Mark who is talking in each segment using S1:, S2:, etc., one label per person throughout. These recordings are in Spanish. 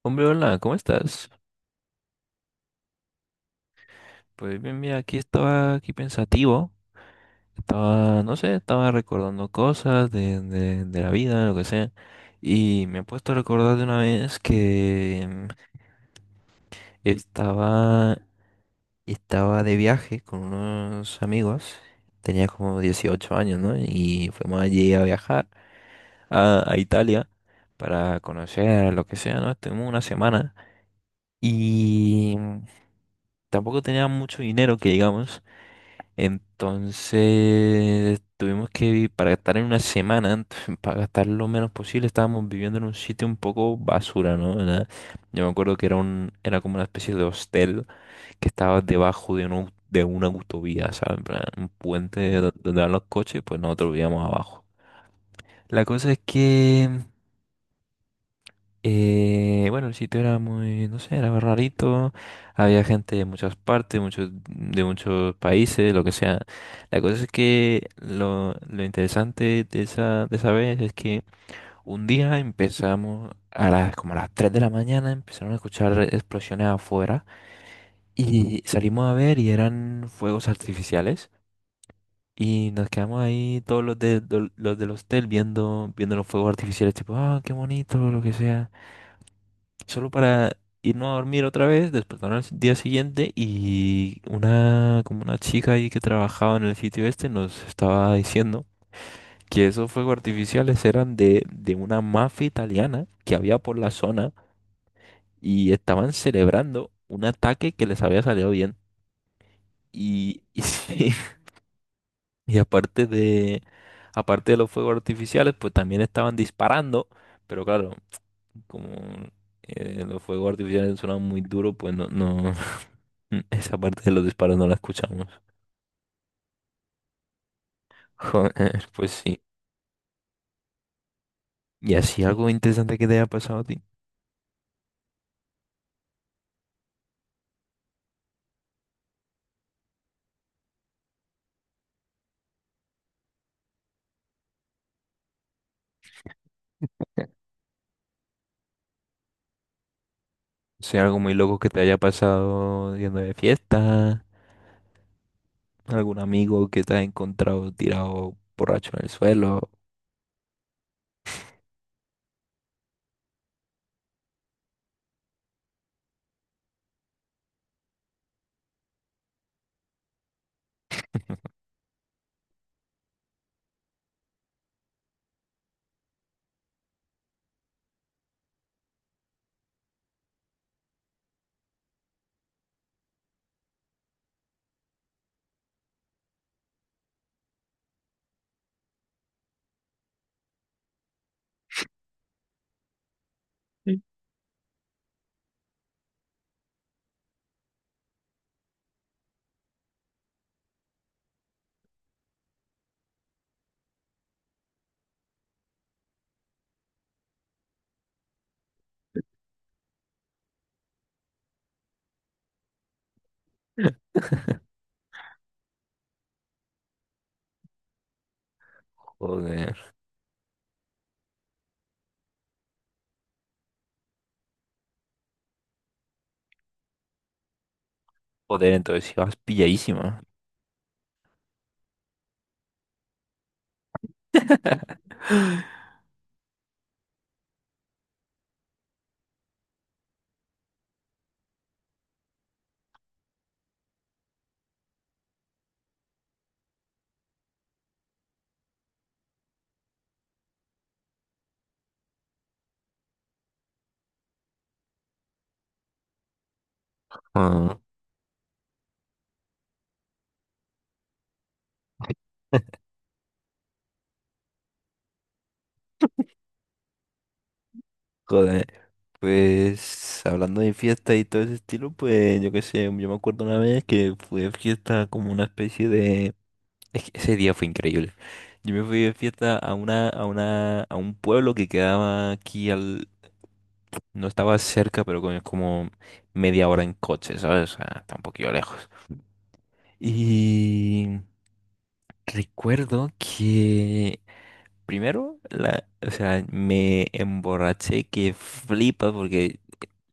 S1: Hombre, hola, ¿cómo estás? Pues bien, mira, aquí estaba aquí pensativo, estaba, no sé, estaba recordando cosas de, de la vida, lo que sea, y me he puesto a recordar de una vez que estaba, estaba de viaje con unos amigos, tenía como 18 años, ¿no? Y fuimos allí a viajar a Italia para conocer lo que sea, ¿no? Estuvimos una semana y tampoco tenía mucho dinero que digamos. Entonces tuvimos que, para estar en una semana, antes, para gastar lo menos posible, estábamos viviendo en un sitio un poco basura, ¿no? Yo me acuerdo que era un, era como una especie de hostel que estaba debajo de de una autovía, ¿sabes? En plan, un puente donde van los coches, pues nosotros vivíamos abajo. La cosa es que bueno, el sitio era muy, no sé, era rarito. Había gente de muchas partes, de muchos países, lo que sea. La cosa es que lo interesante de esa vez es que un día empezamos como a las 3 de la mañana, empezaron a escuchar explosiones afuera y salimos a ver y eran fuegos artificiales. Y nos quedamos ahí los del hostel viendo los fuegos artificiales, tipo, ah, qué bonito, lo que sea solo para irnos a dormir otra vez, despertaron al día siguiente y como una chica ahí que trabajaba en el sitio este nos estaba diciendo que esos fuegos artificiales eran de una mafia italiana que había por la zona y estaban celebrando un ataque que les había salido bien. Y, sí, y aparte de los fuegos artificiales, pues también estaban disparando, pero claro. Como los fuegos artificiales sonaban muy duros, pues no, esa parte de los disparos no la escuchamos. Joder, pues sí. ¿Y así algo interesante que te haya pasado a ti? O sea, algo muy loco que te haya pasado yendo de fiesta, algún amigo que te haya encontrado tirado borracho en el suelo. Joder, joder, entonces ibas pilladísima. Ah, joder. Pues hablando de fiesta y todo ese estilo, pues yo qué sé, yo me acuerdo una vez que fui de fiesta como una especie de... Es que ese día fue increíble. Yo me fui de fiesta a un pueblo que quedaba aquí al... No estaba cerca, pero como media hora en coche, ¿sabes? O sea, está un poquillo lejos. Y recuerdo que primero, o sea, me emborraché que flipa porque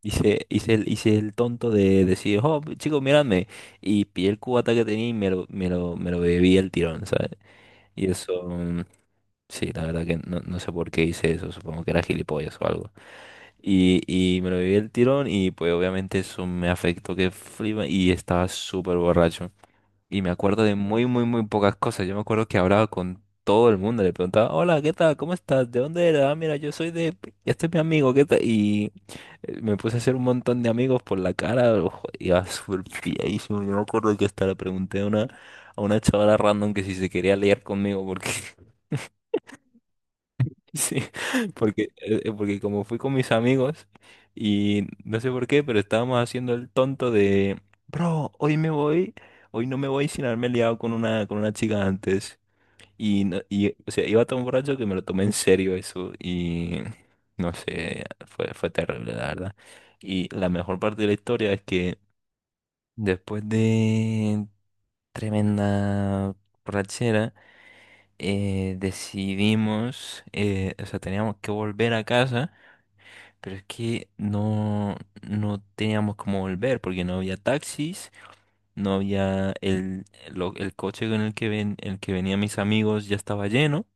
S1: hice, hice el tonto de decir, oh, chicos, míradme. Y pillé el cubata que tenía y me lo bebí el tirón, ¿sabes? Y eso, sí, la verdad que no sé por qué hice eso, supongo que era gilipollas o algo. Y me lo bebí el tirón y pues obviamente eso me afectó que flipa y estaba súper borracho y me acuerdo de muy, muy, muy pocas cosas. Yo me acuerdo que hablaba con todo el mundo, le preguntaba, hola, ¿qué tal? ¿Cómo estás? ¿De dónde eres? Ah, mira, yo soy de... Este es mi amigo, ¿qué tal? Y me puse a hacer un montón de amigos por la cara, ojo, iba súper pilladísimo. Yo me acuerdo que hasta le pregunté a a una chavala random que si se quería liar conmigo, porque sí, porque como fui con mis amigos y no sé por qué, pero estábamos haciendo el tonto de, bro, hoy me voy, hoy no me voy sin haberme liado con una chica antes. Y, no- y, o sea, iba tan borracho que me lo tomé en serio eso y no sé, fue terrible, la verdad. Y la mejor parte de la historia es que después de tremenda borrachera, decidimos, o sea, teníamos que volver a casa. Pero es que no teníamos cómo volver porque no había taxis, no había el coche con el que venían mis amigos ya estaba lleno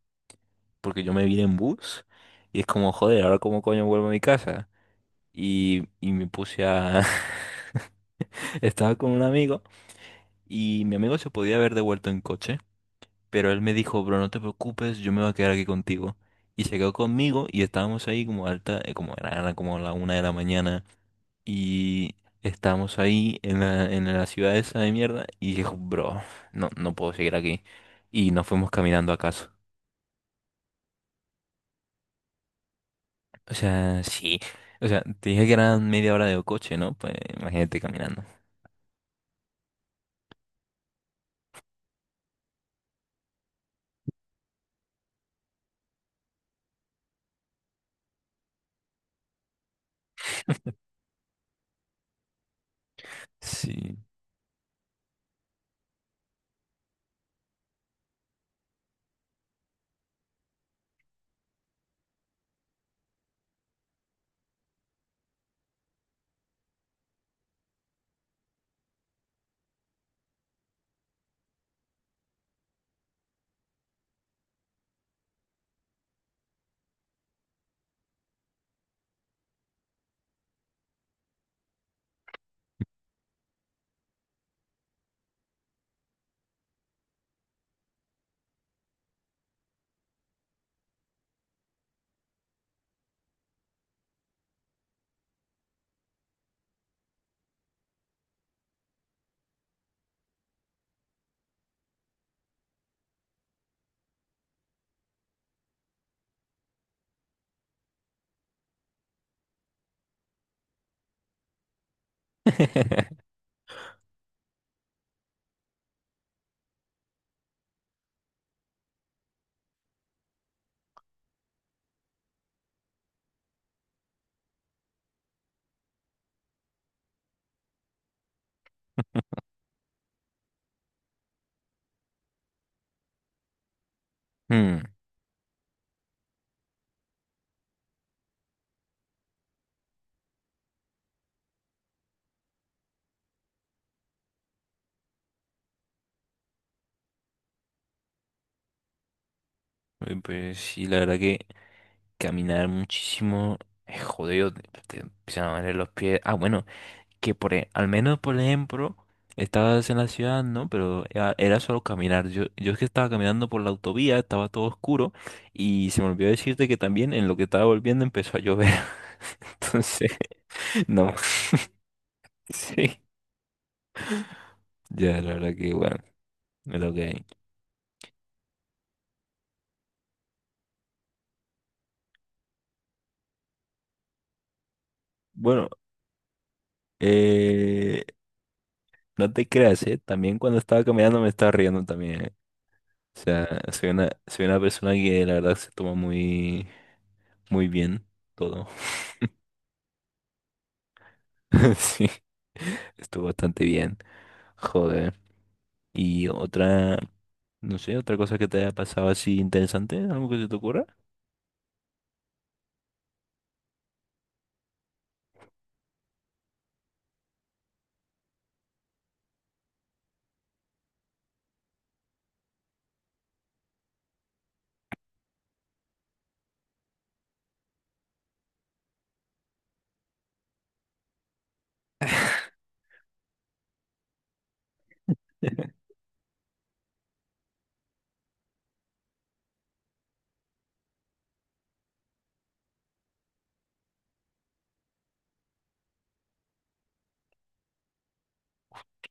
S1: porque yo me vine en bus y es como, joder, ahora cómo coño vuelvo a mi casa. Y me puse a... Estaba con un amigo y mi amigo se podía haber devuelto en coche, pero él me dijo, bro, no te preocupes, yo me voy a quedar aquí contigo. Y se quedó conmigo y estábamos ahí como era como la una de la mañana. Y estábamos ahí en la ciudad esa de mierda y dijo, bro, no puedo seguir aquí. Y nos fuimos caminando a casa. O sea, sí. O sea, te dije que eran media hora de coche, ¿no? Pues imagínate caminando. Sí. Hmm, Pues sí, la verdad que caminar muchísimo es jodido. Te empiezan a doler los pies. Ah, bueno. Que por, al menos por ejemplo, estabas en la ciudad, ¿no? Pero era, era solo caminar. Yo es que estaba caminando por la autovía, estaba todo oscuro y se me olvidó decirte que también en lo que estaba volviendo empezó a llover. Entonces, no. Sí. Ya, la verdad que bueno, es lo que hay. Bueno, eh, no te creas, ¿eh? También cuando estaba caminando me estaba riendo también, ¿eh? O sea, soy una persona que la verdad se toma muy, muy bien todo. Sí, estuvo bastante bien. Joder. Y otra, no sé, otra cosa que te haya pasado así interesante, algo que se te ocurra.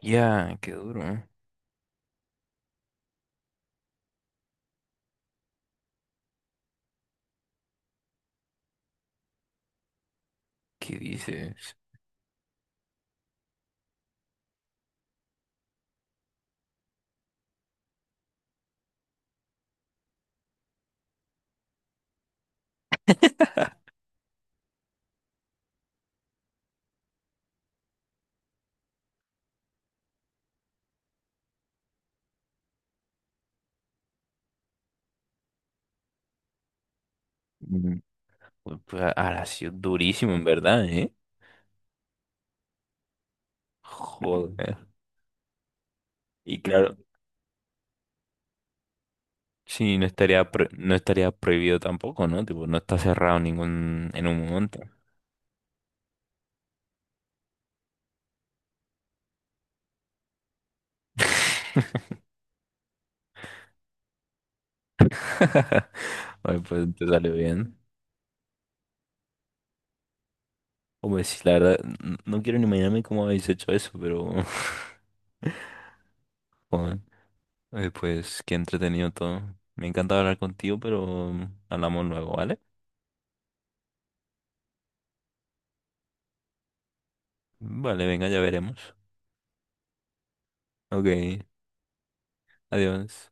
S1: Ya, qué duro, ¿eh? ¿Qué dices? Mm, pues, ahora ha sido durísimo, en verdad, ¿eh? Joder. Y claro, sí, no estaría, no estaría prohibido tampoco, ¿no? Tipo, no está cerrado ningún en un momento. Ay, pues te salió bien. O pues, la verdad, no quiero ni imaginarme cómo habéis hecho eso, pero... Joder. Pues, qué entretenido todo. Me encanta hablar contigo, pero hablamos luego, ¿vale? Vale, venga, ya veremos. Ok, adiós.